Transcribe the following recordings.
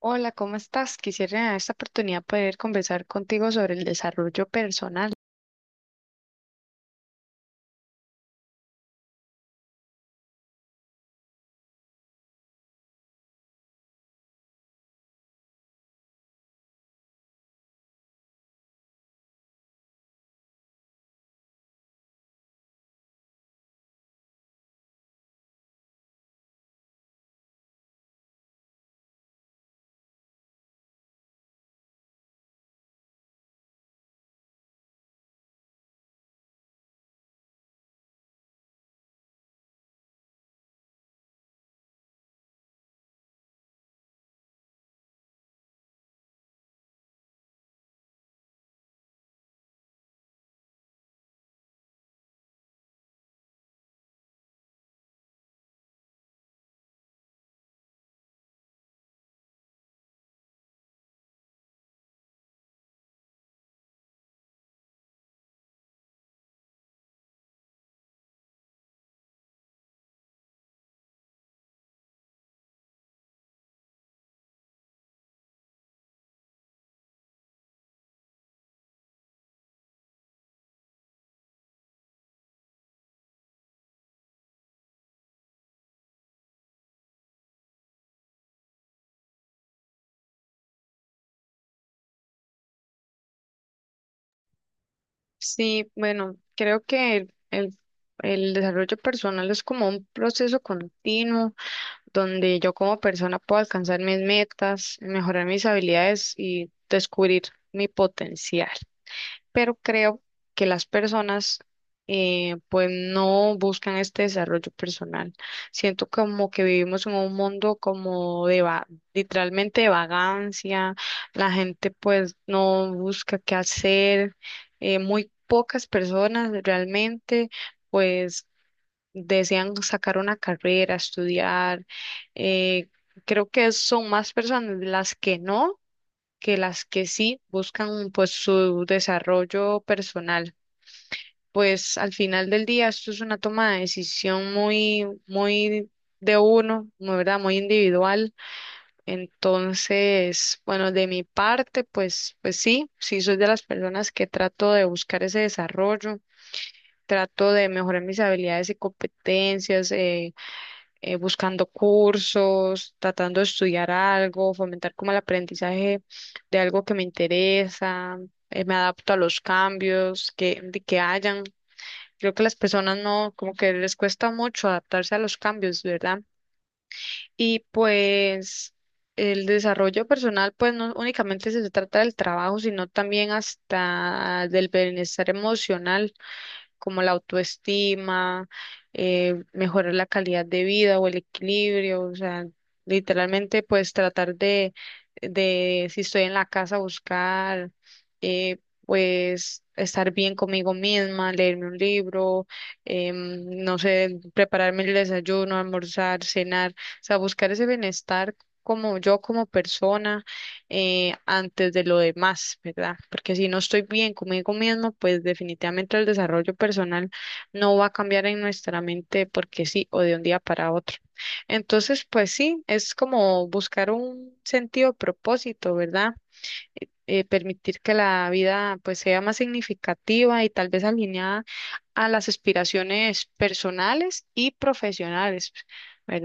Hola, ¿cómo estás? Quisiera en esta oportunidad poder conversar contigo sobre el desarrollo personal. Sí, bueno, creo que el desarrollo personal es como un proceso continuo donde yo como persona puedo alcanzar mis metas, mejorar mis habilidades y descubrir mi potencial. Pero creo que las personas pues no buscan este desarrollo personal. Siento como que vivimos en un mundo como literalmente de vagancia, la gente pues no busca qué hacer. Eh, muy pocas personas realmente pues desean sacar una carrera, estudiar. Eh, creo que son más personas las que no que las que sí buscan pues su desarrollo personal. Pues al final del día esto es una toma de decisión muy, muy de uno, muy, ¿verdad? Muy individual. Entonces, bueno, de mi parte, pues, pues sí, sí soy de las personas que trato de buscar ese desarrollo, trato de mejorar mis habilidades y competencias, buscando cursos, tratando de estudiar algo, fomentar como el aprendizaje de algo que me interesa. Eh, me adapto a los cambios que, de que hayan. Creo que las personas no, como que les cuesta mucho adaptarse a los cambios, ¿verdad? Y pues el desarrollo personal, pues no únicamente se trata del trabajo, sino también hasta del bienestar emocional como la autoestima. Eh, mejorar la calidad de vida o el equilibrio, o sea, literalmente pues tratar de si estoy en la casa, buscar, eh, pues estar bien conmigo misma, leerme un libro. No sé, prepararme el desayuno, almorzar, cenar, o sea, buscar ese bienestar como yo como persona, antes de lo demás, ¿verdad? Porque si no estoy bien conmigo mismo, pues definitivamente el desarrollo personal no va a cambiar en nuestra mente porque sí, o de un día para otro. Entonces, pues sí, es como buscar un sentido, propósito, ¿verdad? Permitir que la vida pues sea más significativa y tal vez alineada a las aspiraciones personales y profesionales, verdad.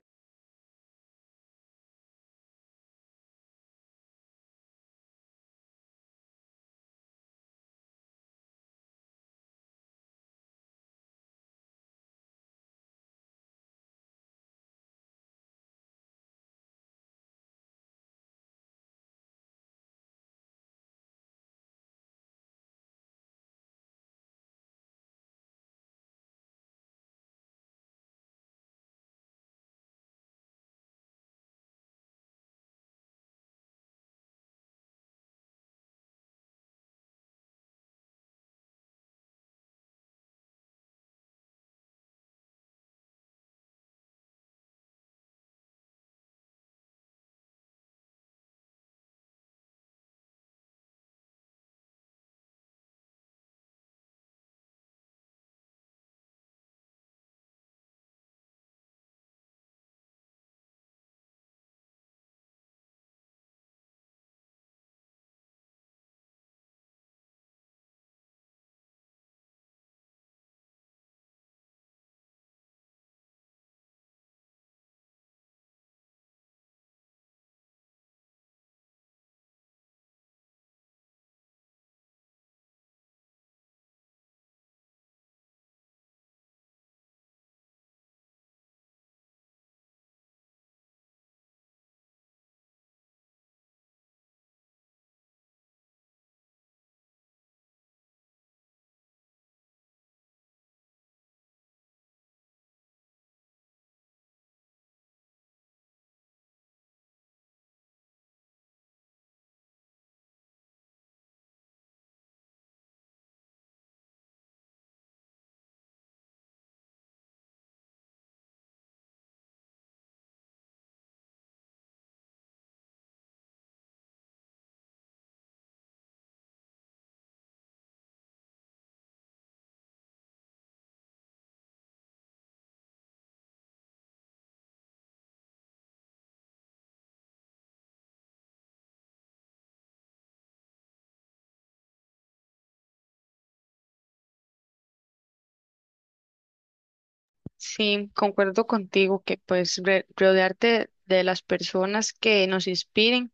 Sí, concuerdo contigo que pues rodearte de las personas que nos inspiren,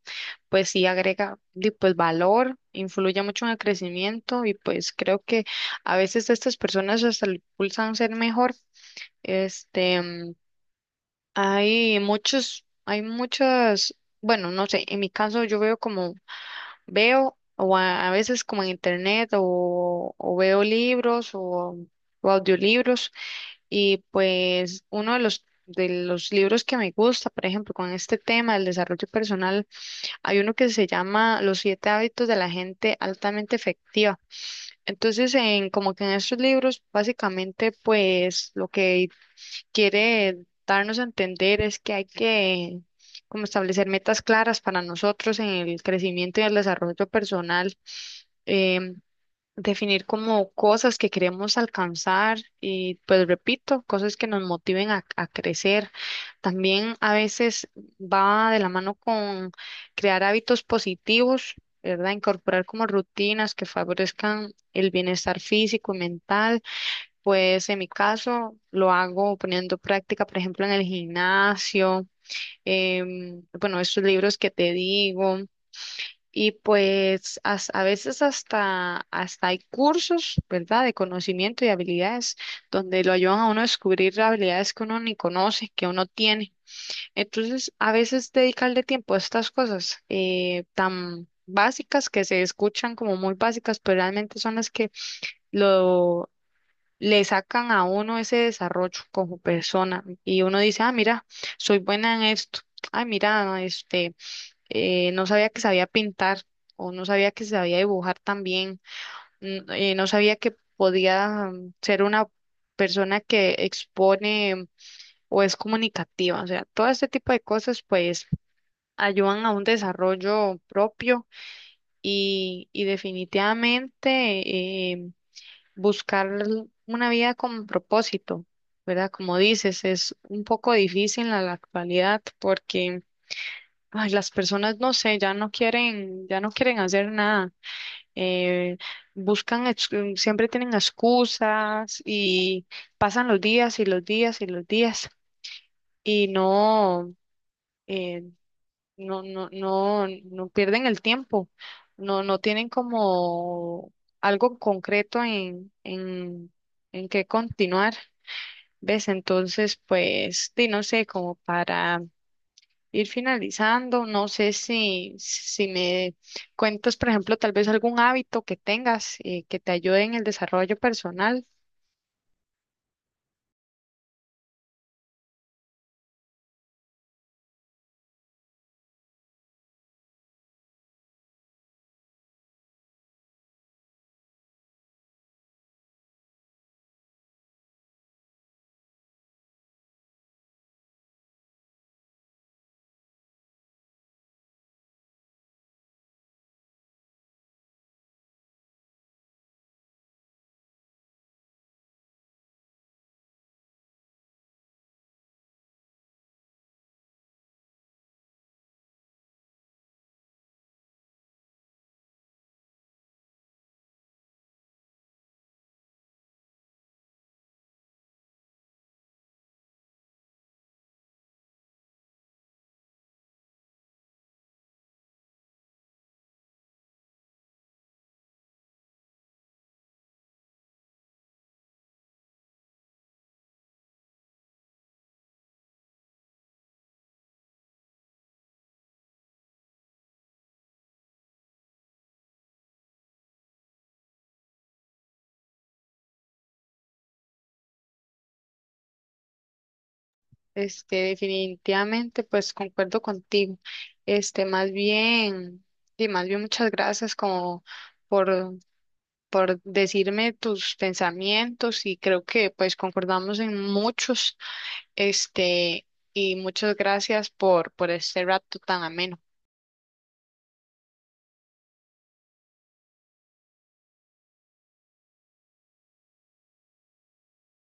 pues sí agrega di, pues valor, influye mucho en el crecimiento y pues creo que a veces estas personas hasta lo impulsan a ser mejor. Este, hay muchos, hay muchas, bueno, no sé, en mi caso yo veo, o a veces como en internet, o veo libros o audiolibros. Y pues uno de los libros que me gusta, por ejemplo, con este tema del desarrollo personal, hay uno que se llama Los siete hábitos de la gente altamente efectiva. Entonces, en, como que en estos libros, básicamente, pues lo que quiere darnos a entender es que hay que como establecer metas claras para nosotros en el crecimiento y el desarrollo personal. em, Definir como cosas que queremos alcanzar y pues repito, cosas que nos motiven a crecer. También a veces va de la mano con crear hábitos positivos, ¿verdad? Incorporar como rutinas que favorezcan el bienestar físico y mental. Pues en mi caso lo hago poniendo práctica, por ejemplo, en el gimnasio. Bueno, estos libros que te digo. Y pues a veces hasta, hasta hay cursos, ¿verdad?, de conocimiento y habilidades donde lo ayudan a uno a descubrir habilidades que uno ni conoce, que uno tiene. Entonces, a veces dedicarle tiempo a estas cosas tan básicas que se escuchan como muy básicas, pero realmente son las que lo, le sacan a uno ese desarrollo como persona. Y uno dice, ah, mira, soy buena en esto. Ay, mira, este, no sabía que sabía pintar o no sabía que sabía dibujar también. No sabía que podía, ser una persona que expone o es comunicativa, o sea, todo este tipo de cosas pues ayudan a un desarrollo propio. Y, y definitivamente eh, buscar una vida con propósito, ¿verdad? Como dices, es un poco difícil en la actualidad porque, ay, las personas, no sé, ya no quieren hacer nada. Eh, Buscan, siempre tienen excusas y pasan los días y los días y los días y no, eh, no, no pierden el tiempo. No, no tienen como algo concreto en qué continuar. ¿Ves? Entonces, pues, di, no sé, como para ir finalizando. No sé si me cuentas, por ejemplo, tal vez algún hábito que tengas que te ayude en el desarrollo personal. Este, definitivamente, pues concuerdo contigo. Este, más bien, y más bien muchas gracias como por, por decirme tus pensamientos y creo que pues concordamos en muchos, este, y muchas gracias por este rato tan ameno.